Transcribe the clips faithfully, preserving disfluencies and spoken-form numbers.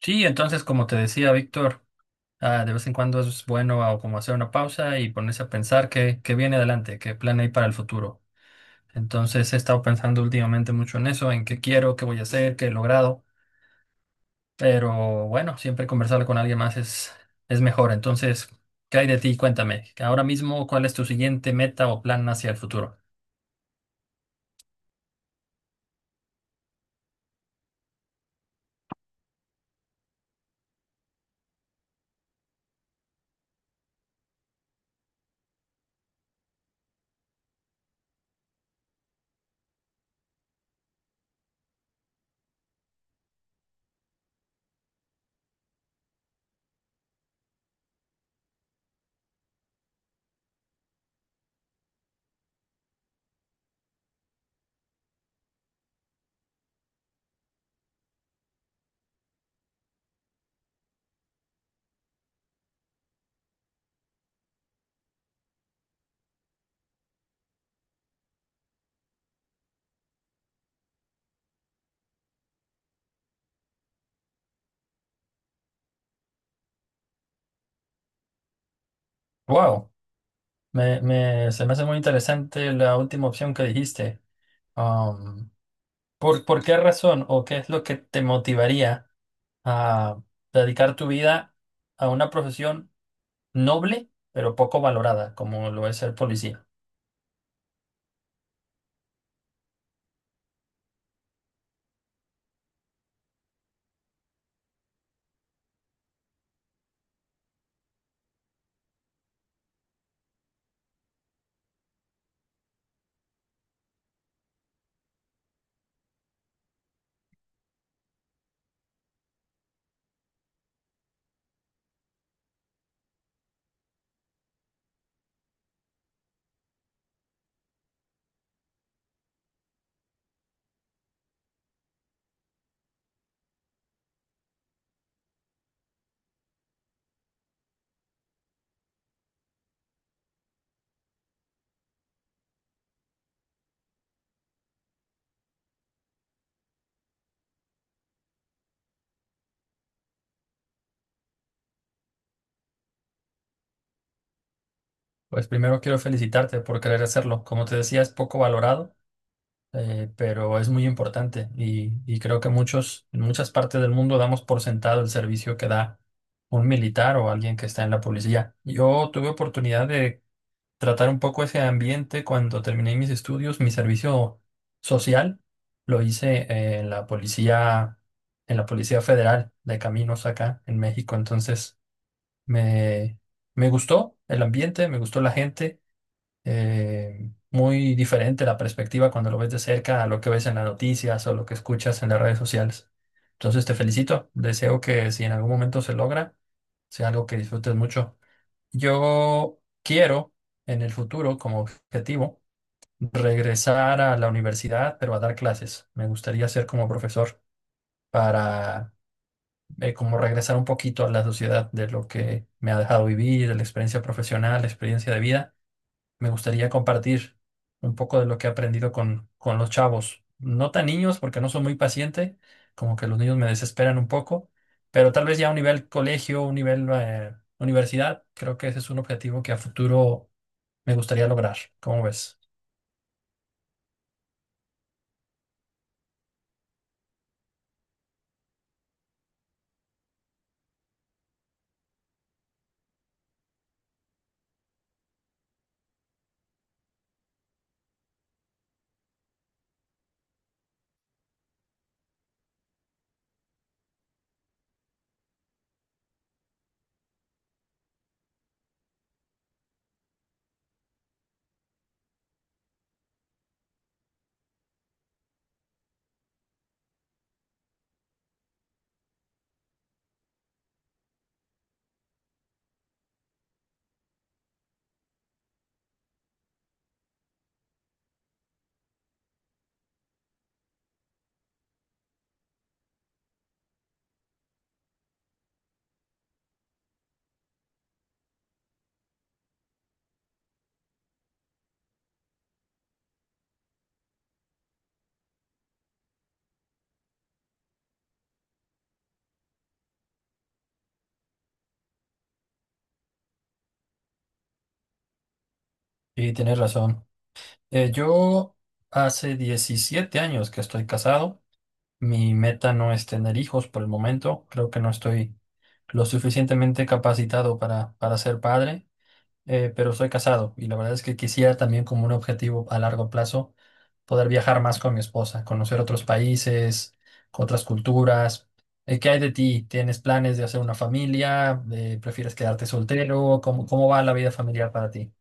Sí, entonces, como te decía Víctor, ah, de vez en cuando es bueno ah, como hacer una pausa y ponerse a pensar qué, qué viene adelante, qué plan hay para el futuro. Entonces, he estado pensando últimamente mucho en eso, en qué quiero, qué voy a hacer, qué he logrado, pero bueno, siempre conversar con alguien más es, es mejor. Entonces, ¿qué hay de ti? Cuéntame, ahora mismo, ¿cuál es tu siguiente meta o plan hacia el futuro? Wow, me, me- se me hace muy interesante la última opción que dijiste. ¿Por, por qué razón o qué es lo que te motivaría a dedicar tu vida a una profesión noble, pero poco valorada, ¿como lo es ser policía? Pues primero quiero felicitarte por querer hacerlo. Como te decía, es poco valorado, eh, pero es muy importante y, y creo que muchos, en muchas partes del mundo damos por sentado el servicio que da un militar o alguien que está en la policía. Yo tuve oportunidad de tratar un poco ese ambiente cuando terminé mis estudios, mi servicio social lo hice eh, en la policía, en la Policía Federal de Caminos acá en México. Entonces me, me gustó el ambiente, me gustó la gente, eh, muy diferente la perspectiva cuando lo ves de cerca a lo que ves en las noticias o lo que escuchas en las redes sociales. Entonces te felicito, deseo que si en algún momento se logra, sea algo que disfrutes mucho. Yo quiero en el futuro, como objetivo, regresar a la universidad, pero a dar clases. Me gustaría ser como profesor para eh, como regresar un poquito a la sociedad de lo que me ha dejado vivir, de la experiencia profesional, la experiencia de vida. Me gustaría compartir un poco de lo que he aprendido con, con los chavos. No tan niños, porque no soy muy paciente, como que los niños me desesperan un poco, pero tal vez ya a un nivel colegio, un nivel eh, universidad, creo que ese es un objetivo que a futuro me gustaría lograr. ¿Cómo ves? Y tienes razón. Eh, yo hace diecisiete años que estoy casado. Mi meta no es tener hijos por el momento. Creo que no estoy lo suficientemente capacitado para, para ser padre, eh, pero soy casado y la verdad es que quisiera también como un objetivo a largo plazo poder viajar más con mi esposa, conocer otros países, otras culturas. Eh, ¿qué hay de ti? ¿Tienes planes de hacer una familia? Eh, ¿prefieres quedarte soltero? ¿Cómo, cómo va la vida familiar para ti?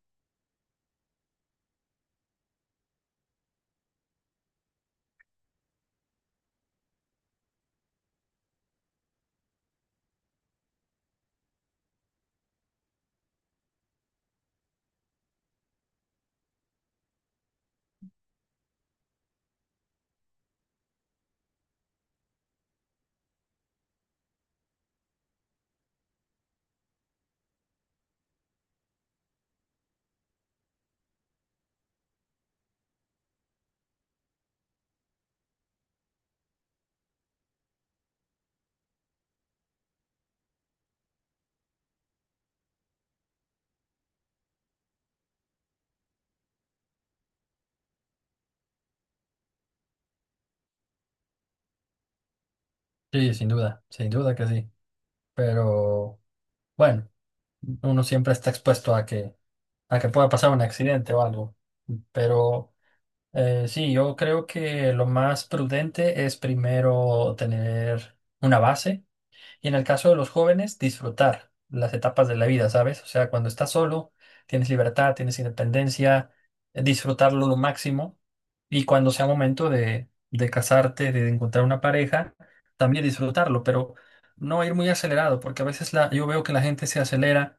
Sí, sin duda, sin duda que sí. Pero bueno, uno siempre está expuesto a que, a que pueda pasar un accidente o algo. Pero eh, sí, yo creo que lo más prudente es primero tener una base. Y en el caso de los jóvenes, disfrutar las etapas de la vida, ¿sabes? O sea, cuando estás solo, tienes libertad, tienes independencia, eh, disfrutarlo lo máximo. Y cuando sea momento de, de casarte, de encontrar una pareja, también disfrutarlo, pero no ir muy acelerado, porque a veces la, yo veo que la gente se acelera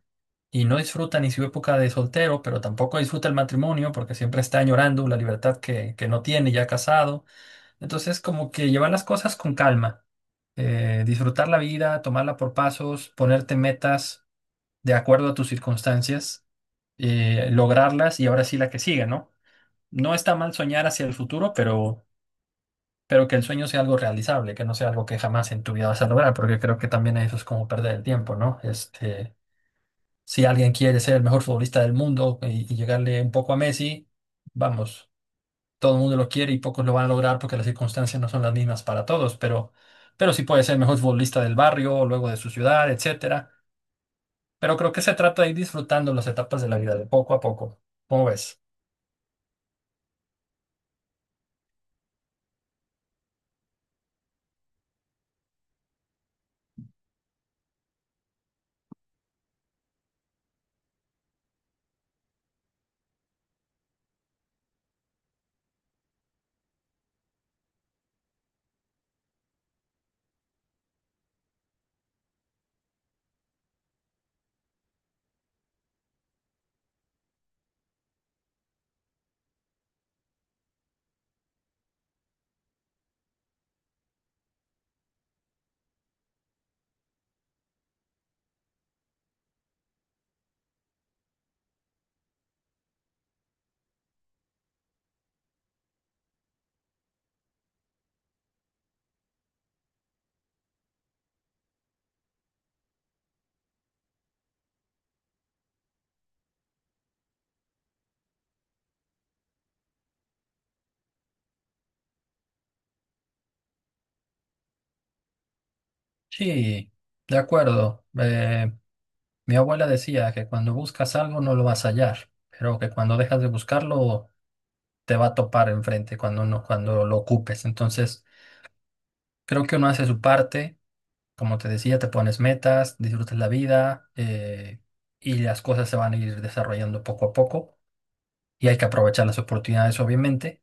y no disfruta ni su época de soltero, pero tampoco disfruta el matrimonio porque siempre está añorando la libertad que, que no tiene ya casado. Entonces, como que llevar las cosas con calma, eh, disfrutar la vida, tomarla por pasos, ponerte metas de acuerdo a tus circunstancias, eh, lograrlas y ahora sí la que sigue, ¿no? No está mal soñar hacia el futuro, pero, pero que el sueño sea algo realizable, que no sea algo que jamás en tu vida vas a lograr, porque creo que también eso es como perder el tiempo, ¿no? Este, si alguien quiere ser el mejor futbolista del mundo y, y llegarle un poco a Messi, vamos, todo el mundo lo quiere y pocos lo van a lograr porque las circunstancias no son las mismas para todos, pero, pero sí puede ser el mejor futbolista del barrio, luego de su ciudad, etcétera. Pero creo que se trata de ir disfrutando las etapas de la vida de poco a poco. ¿Cómo ves? Sí, de acuerdo. Eh, mi abuela decía que cuando buscas algo no lo vas a hallar, pero que cuando dejas de buscarlo te va a topar enfrente cuando no, cuando lo ocupes. Entonces, creo que uno hace su parte. Como te decía, te pones metas, disfrutas la vida, eh, y las cosas se van a ir desarrollando poco a poco y hay que aprovechar las oportunidades, obviamente,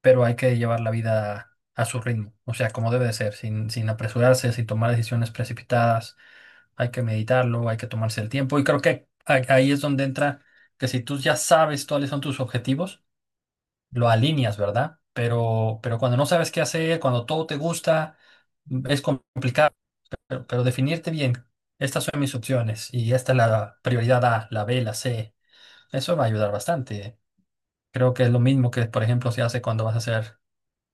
pero hay que llevar la vida a su ritmo, o sea, como debe de ser, sin, sin apresurarse, sin tomar decisiones precipitadas, hay que meditarlo, hay que tomarse el tiempo y creo que a- ahí es donde entra que si tú ya sabes cuáles son tus objetivos, lo alineas, ¿verdad? Pero, pero cuando no sabes qué hacer, cuando todo te gusta, es complicado. Pero, pero definirte bien, estas son mis opciones y esta es la prioridad A, la B, la C. Eso va a ayudar bastante. ¿Eh? Creo que es lo mismo que, por ejemplo, se hace cuando vas a hacer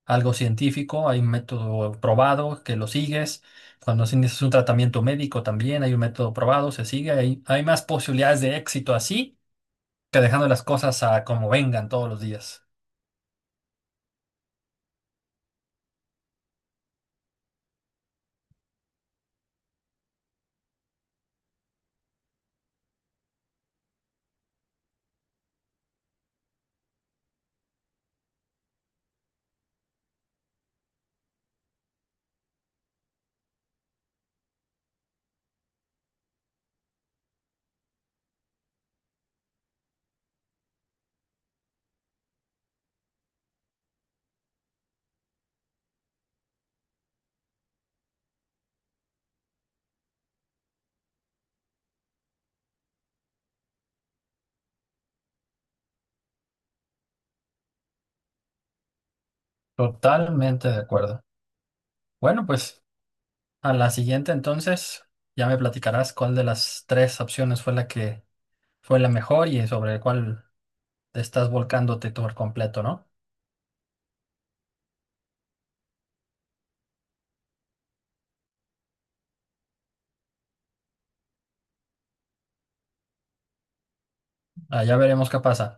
algo científico. Hay un método probado que lo sigues. Cuando si necesitas un tratamiento médico también hay un método probado, se sigue. Hay, hay más posibilidades de éxito así que dejando las cosas a como vengan todos los días. Totalmente de acuerdo. Bueno, pues a la siguiente entonces ya me platicarás cuál de las tres opciones fue la que fue la mejor y sobre el cual te estás volcándote por completo, ¿no? Ah, ya veremos qué pasa.